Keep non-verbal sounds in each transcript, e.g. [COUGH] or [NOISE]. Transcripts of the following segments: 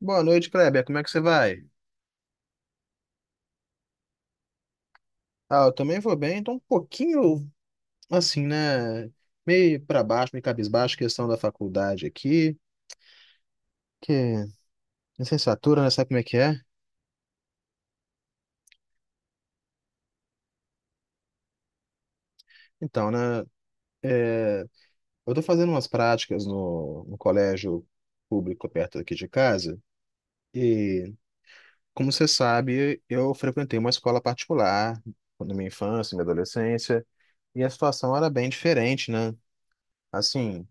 Boa noite, Kleber. Como é que você vai? Ah, eu também vou bem. Tô um pouquinho assim, né? Meio pra baixo, meio cabisbaixo, questão da faculdade aqui, que licenciatura, né? Sabe como é que é? Então, né? é, eu tô fazendo umas práticas no colégio público perto aqui de casa e, como você sabe, eu frequentei uma escola particular na minha infância, na minha adolescência e a situação era bem diferente, né? Assim.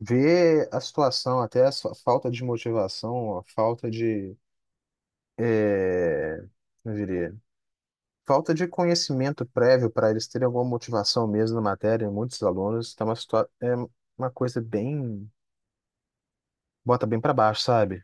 Ver a situação, até a sua falta de motivação, a falta de, é, eu diria, falta de conhecimento prévio para eles terem alguma motivação mesmo na matéria, muitos alunos, está uma situa é uma coisa bem, bota bem para baixo, sabe?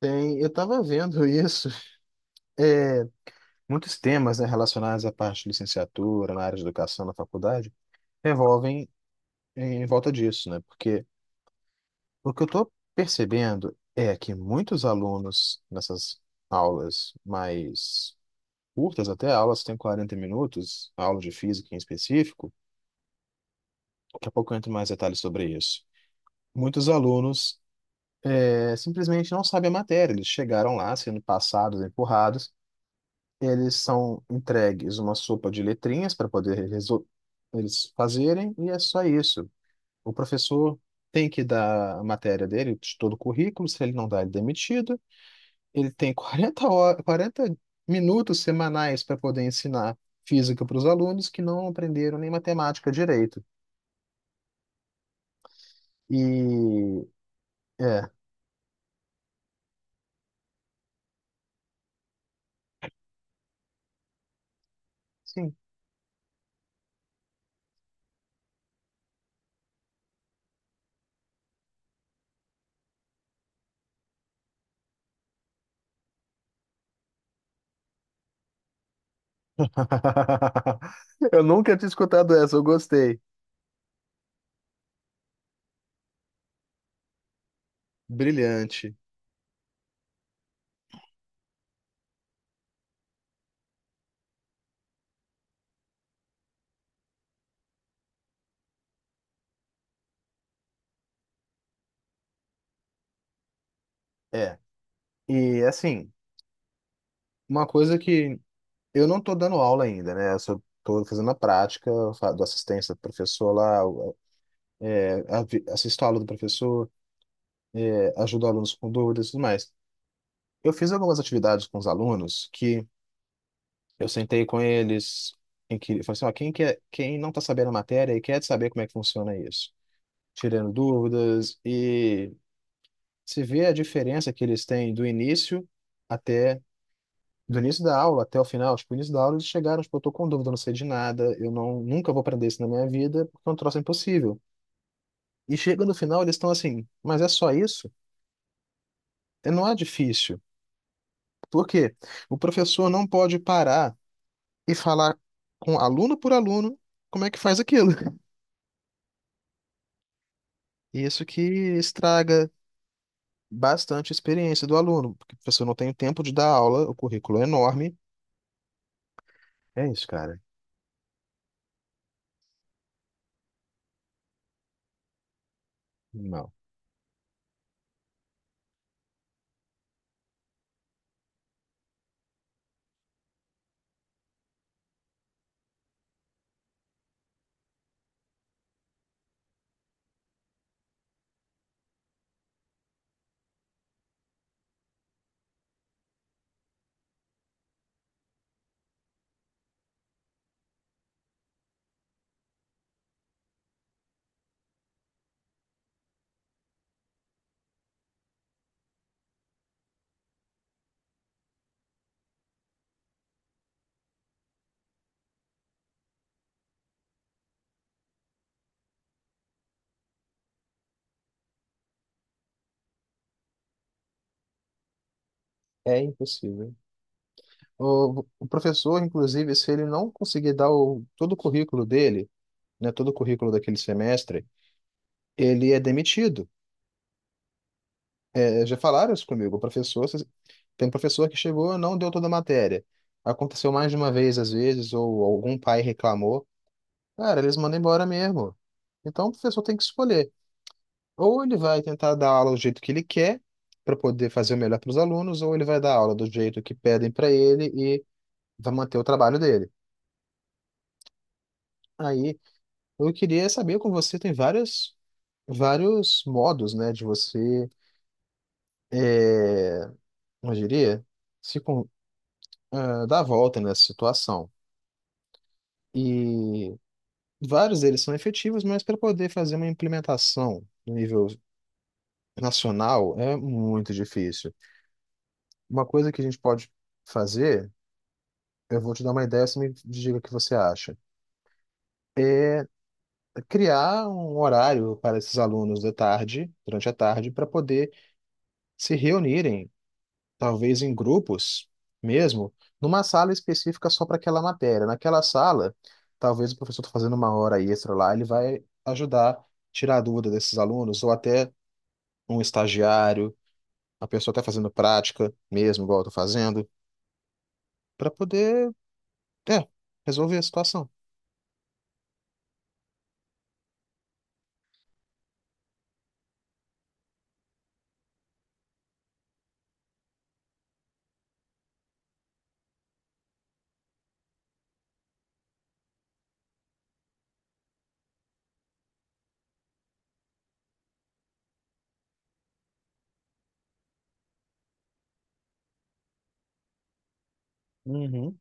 Tem, eu estava vendo isso, é, muitos temas, né, relacionados à parte de licenciatura, na área de educação, na faculdade, revolvem em volta disso, né? Porque o que eu estou percebendo é que muitos alunos nessas aulas mais curtas, até aulas que têm 40 minutos, aulas de física em específico, daqui a pouco eu entro em mais detalhes sobre isso. Muitos alunos simplesmente não sabem a matéria, eles chegaram lá sendo passados, empurrados, eles são entregues uma sopa de letrinhas para poder eles fazerem, e é só isso. O professor tem que dar a matéria dele, de todo o currículo, se ele não dá, ele é demitido. Ele tem 40 horas, 40 minutos semanais para poder ensinar física para os alunos que não aprenderam nem matemática direito. E é, sim. [LAUGHS] Eu nunca tinha escutado essa, eu gostei. Brilhante. É. E assim, uma coisa que eu não estou dando aula ainda, né? Eu só tô fazendo a prática, eu dou assistência ao professor lá, eu, assisto a aula do professor, ajudo alunos com dúvidas e tudo mais. Eu fiz algumas atividades com os alunos que eu sentei com eles em que falei assim, ó, quem quer, quem não está sabendo a matéria e quer saber como é que funciona isso, tirando dúvidas e se vê a diferença que eles têm até do início da aula até o final, tipo, o início da aula eles chegaram, tipo, eu tô com dúvida, eu não sei de nada, eu não nunca vou aprender isso na minha vida, porque é um troço impossível. E chega no final, eles estão assim, mas é só isso? E não é difícil. Por quê? O professor não pode parar e falar com aluno por aluno como é que faz aquilo. E isso que estraga bastante a experiência do aluno, porque o professor não tem o tempo de dar aula, o currículo é enorme. É isso, cara. Não, é impossível. O professor, inclusive, se ele não conseguir dar o, todo o currículo dele, né, todo o currículo daquele semestre, ele é demitido. É, já falaram isso comigo. O professor, tem professor que chegou e não deu toda a matéria. Aconteceu mais de uma vez, às vezes, ou algum pai reclamou. Cara, eles mandam embora mesmo. Então, o professor tem que escolher. Ou ele vai tentar dar aula do jeito que ele quer, para poder fazer o melhor para os alunos, ou ele vai dar aula do jeito que pedem para ele e vai manter o trabalho dele. Aí, eu queria saber com você, tem vários, vários modos, né, de você, é, como eu diria, se, con- ah, dar a volta nessa situação. E vários deles são efetivos, mas para poder fazer uma implementação no nível nacional é muito difícil. Uma coisa que a gente pode fazer. Eu vou te dar uma ideia, você me diga o que você acha. Criar um horário para esses alunos de tarde, durante a tarde, para poder se reunirem, talvez em grupos mesmo, numa sala específica só para aquela matéria. Naquela sala, talvez o professor tá fazendo uma hora extra lá, ele vai ajudar a tirar a dúvida desses alunos, ou até um estagiário, a pessoa está fazendo prática mesmo, igual eu estou fazendo, para poder, é, resolver a situação. Uhum.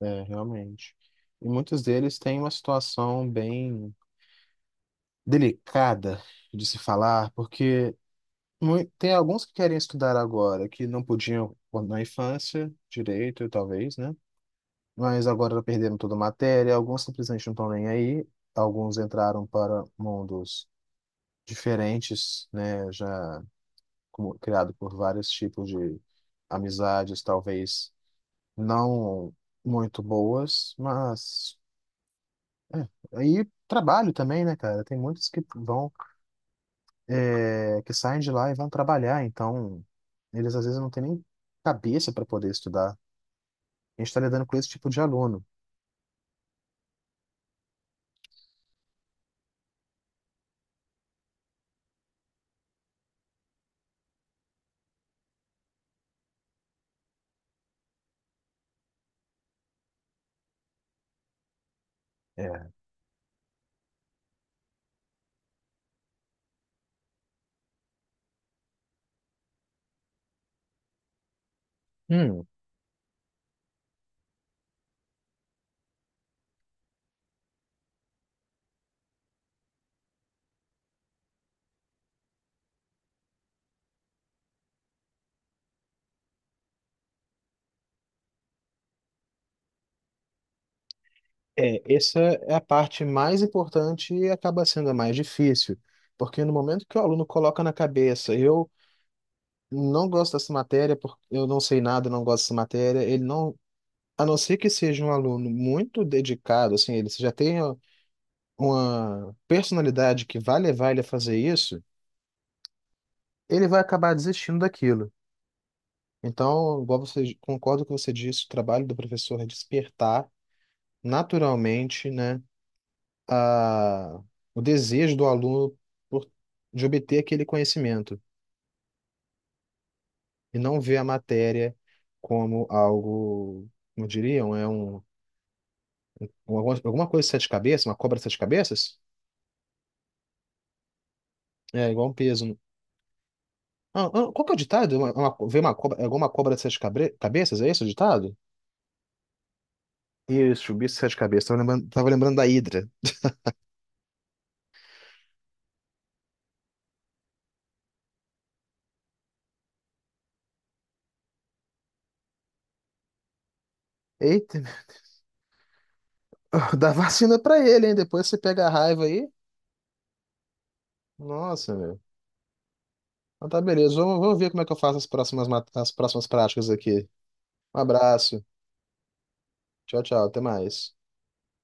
É, realmente. E muitos deles têm uma situação bem delicada de se falar, porque tem alguns que querem estudar agora, que não podiam quando na infância, direito, talvez, né? Mas agora perderam toda a matéria, alguns simplesmente não estão nem aí, alguns entraram para mundos diferentes, né? Já criado por vários tipos de amizades, talvez não muito boas, mas aí trabalho também, né, cara? Tem muitos que vão, que saem de lá e vão trabalhar, então eles às vezes não têm nem cabeça para poder estudar. A gente está lidando com esse tipo de aluno. É. Hum, essa é a parte mais importante e acaba sendo a mais difícil, porque no momento que o aluno coloca na cabeça, eu não gosto dessa matéria, porque eu não sei nada, não gosto dessa matéria, ele não, a não ser que seja um aluno muito dedicado, assim, ele já tenha uma personalidade que vai levar ele a fazer isso, ele vai acabar desistindo daquilo. Então, igual você, concordo com o que você disse, o trabalho do professor é despertar naturalmente, né, a, o desejo do aluno por, de obter aquele conhecimento e não ver a matéria como algo, como diriam, alguma coisa de sete cabeças, uma cobra de sete cabeças, é igual um peso. Ah, ah, qual que é o ditado? Ver uma cobra, é alguma cobra de sete cabeças, é esse o ditado? Isso, o bicho de sete cabeças. Tava lembrando da Hidra. Eita, meu. [LAUGHS] Dá vacina pra ele, hein? Depois você pega a raiva aí. Nossa, meu. Então tá, beleza. Vamos, vamos ver como é que eu faço as próximas práticas aqui. Um abraço. Tchau, tchau. Até mais.